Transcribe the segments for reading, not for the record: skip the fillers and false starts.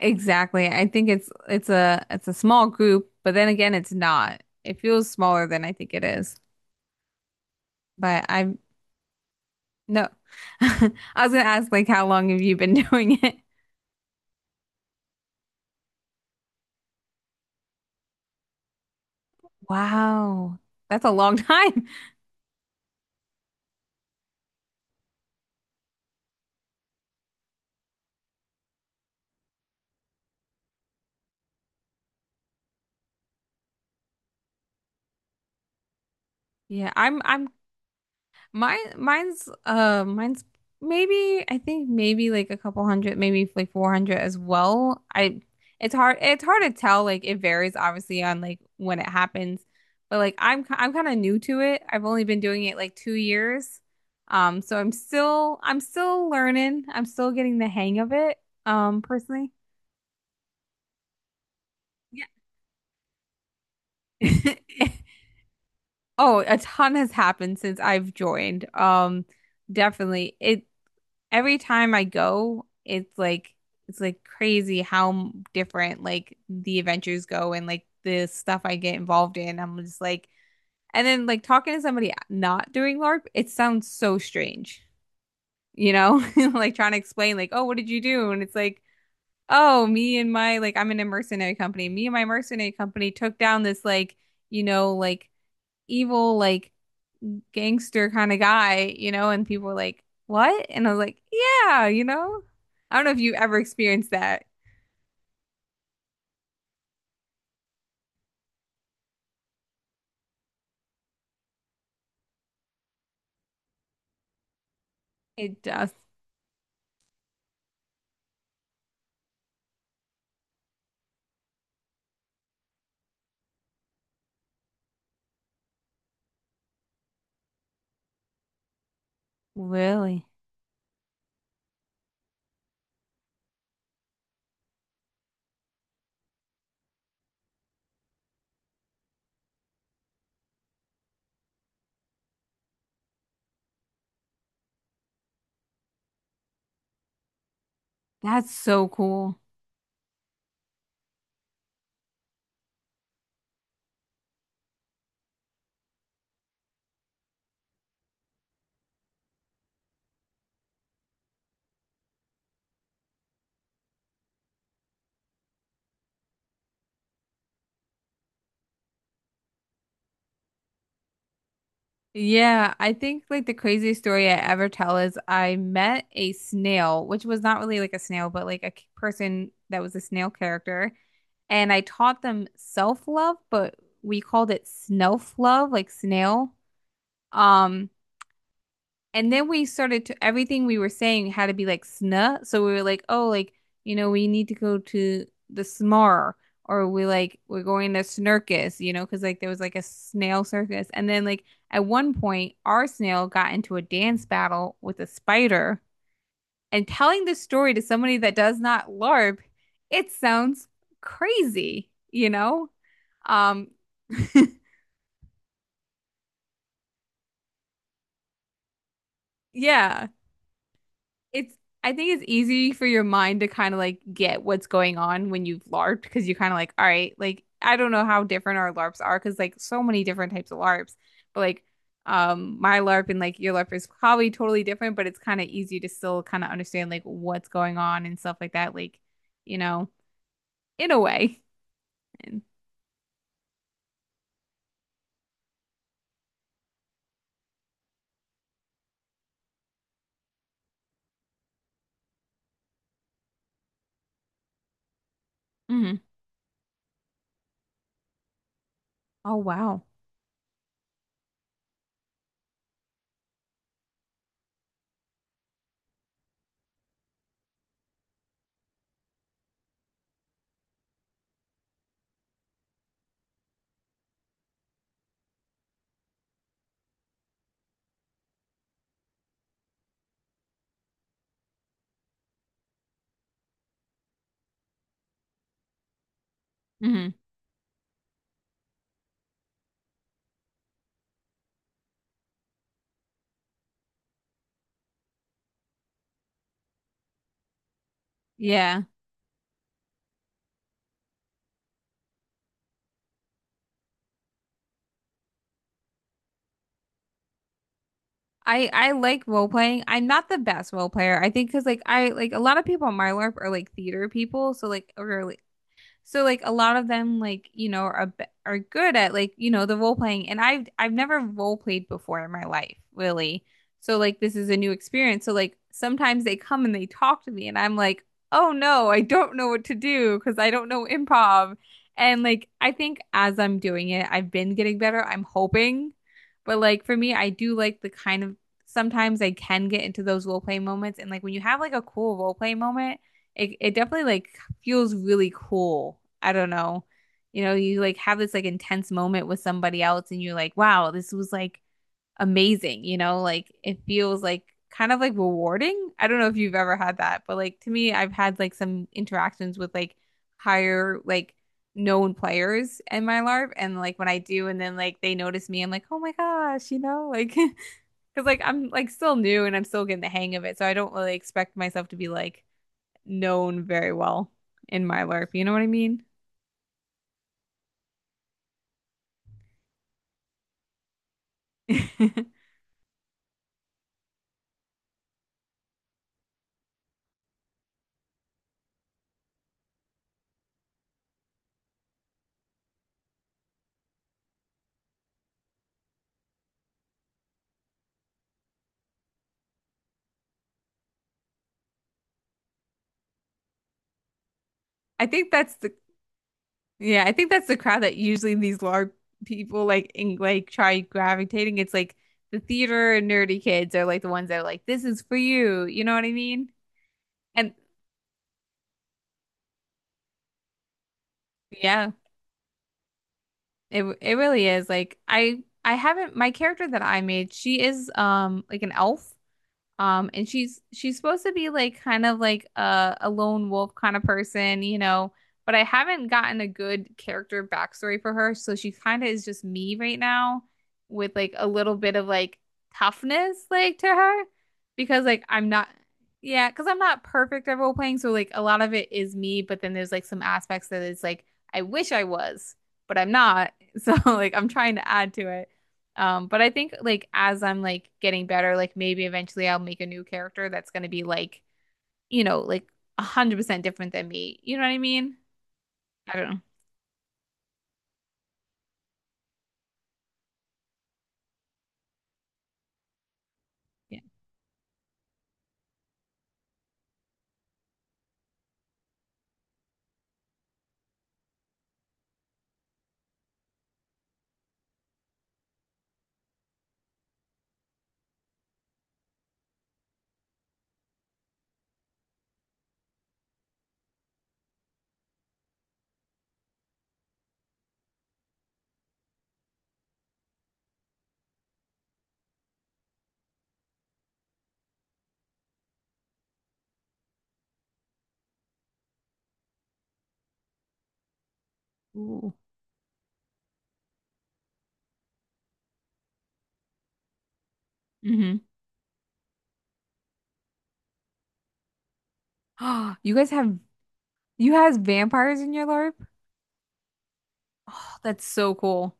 Exactly. I think it's a small group, but then again, it's not. It feels smaller than I think it is. But I'm no. I was gonna ask like how long have you been doing it? Wow. That's a long time. Yeah, I'm Mine's maybe I think maybe like a couple hundred, maybe like 400 as well. I It's hard to tell, like it varies obviously on like when it happens. But like I'm kind of new to it. I've only been doing it like 2 years. So I'm still learning. I'm still getting the hang of it, personally. Yeah. Oh, a ton has happened since I've joined. Definitely. It Every time I go, it's like crazy how different like the adventures go and like the stuff I get involved in. I'm just like, and then like talking to somebody not doing LARP, it sounds so strange, you know? Like trying to explain like, "Oh, what did you do?" And it's like, oh, me and my like I'm in a mercenary company. Me and my mercenary company took down this like, you know, like evil like gangster kind of guy, you know, and people were like, "What?" And I was like, "Yeah, you know." I don't know if you ever experienced that. It does. Really? That's so cool. Yeah, I think like the craziest story I ever tell is I met a snail, which was not really like a snail, but like a person that was a snail character, and I taught them self-love, but we called it snelf love, like snail. Um, And then we started to everything we were saying had to be like snuh. So we were like, oh, like, you know, we need to go to the smar, or we like we're going to snurkis, you know, because like there was like a snail circus. And then like at one point our snail got into a dance battle with a spider, and telling this story to somebody that does not LARP, it sounds crazy, you know? Um, yeah. It's I think it's easy for your mind to kind of like get what's going on when you've LARPed, because you're kind of like, all right, like I don't know how different our LARPs are because like so many different types of LARPs, but like my LARP and like your LARP is probably totally different, but it's kind of easy to still kind of understand like what's going on and stuff like that, like you know, in a way. And mhm. Oh wow. Hmm. Yeah. I like role playing. I'm not the best role player. I think because like I like a lot of people on my LARP are like theater people, so like or like, so like a lot of them like, you know, are good at like, you know, the role playing, and I've never role played before in my life, really. So like this is a new experience. So like sometimes they come and they talk to me and I'm like, "Oh no, I don't know what to do because I don't know improv." And like I think as I'm doing it, I've been getting better. I'm hoping. But like for me, I do like the kind of sometimes I can get into those role play moments, and like when you have like a cool role play moment, it definitely like feels really cool. I don't know. You know, you like have this like intense moment with somebody else and you're like, wow, this was like amazing, you know, like it feels like kind of like rewarding. I don't know if you've ever had that, but like to me, I've had like some interactions with like higher like known players in my LARP and like when I do and then like they notice me, I'm like, "Oh my gosh," you know, like because like I'm like still new and I'm still getting the hang of it, so I don't really expect myself to be like known very well in my LARP. You know what I mean? I think that's the Yeah, I think that's the crowd that usually these LARP people like in like try gravitating. It's like the theater and nerdy kids are like the ones that are like, this is for you. You know what I mean? And Yeah, it really is. Like I haven't My character that I made, she is like an elf. And she's supposed to be like kind of like a lone wolf kind of person, you know, but I haven't gotten a good character backstory for her, so she kind of is just me right now with like a little bit of like toughness like to her, because like I'm not yeah, because I'm not perfect at role playing, so like a lot of it is me, but then there's like some aspects that is like I wish I was, but I'm not. So like I'm trying to add to it. But I think like as I'm like getting better, like maybe eventually I'll make a new character that's gonna be like, you know, like 100% different than me. You know what I mean? I don't know. Yeah. Ooh. Mm-hmm. Oh, you guys have you has vampires in your LARP? Oh, that's so cool.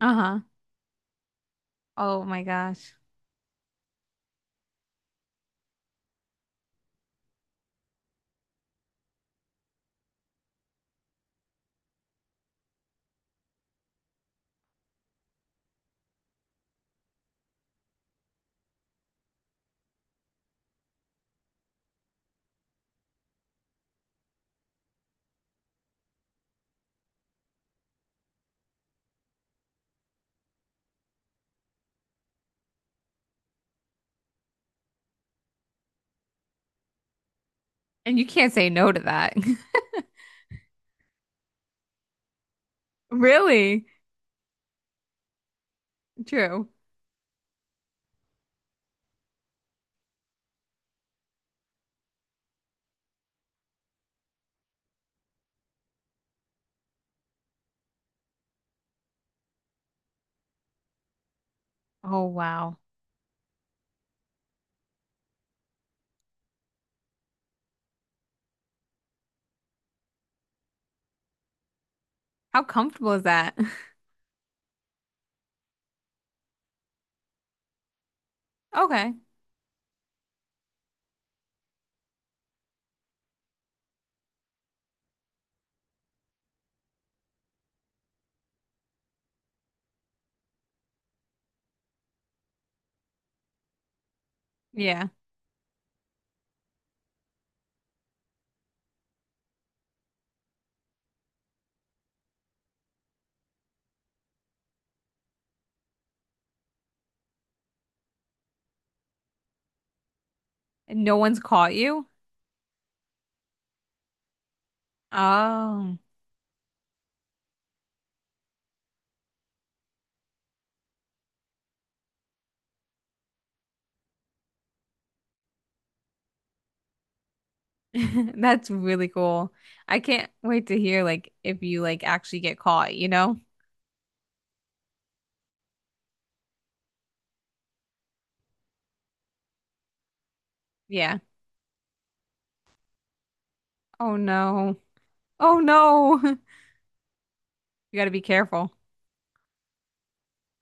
Uh-huh. Oh my gosh. And you can't say no to that. Really? True. Oh wow. How comfortable is that? Okay. Yeah. And no one's caught you? Oh. That's really cool. I can't wait to hear like if you like actually get caught, you know? Yeah. Oh no. Oh no. You got to be careful.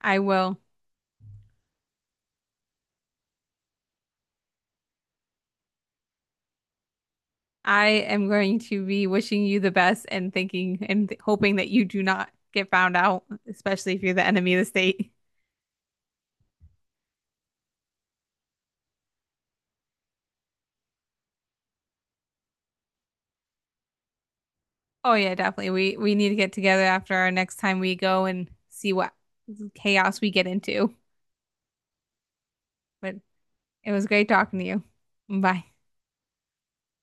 I will. I am going to be wishing you the best and thinking and th hoping that you do not get found out, especially if you're the enemy of the state. Oh yeah, definitely. We need to get together after our next time we go and see what chaos we get into. But it was great talking to you. Bye.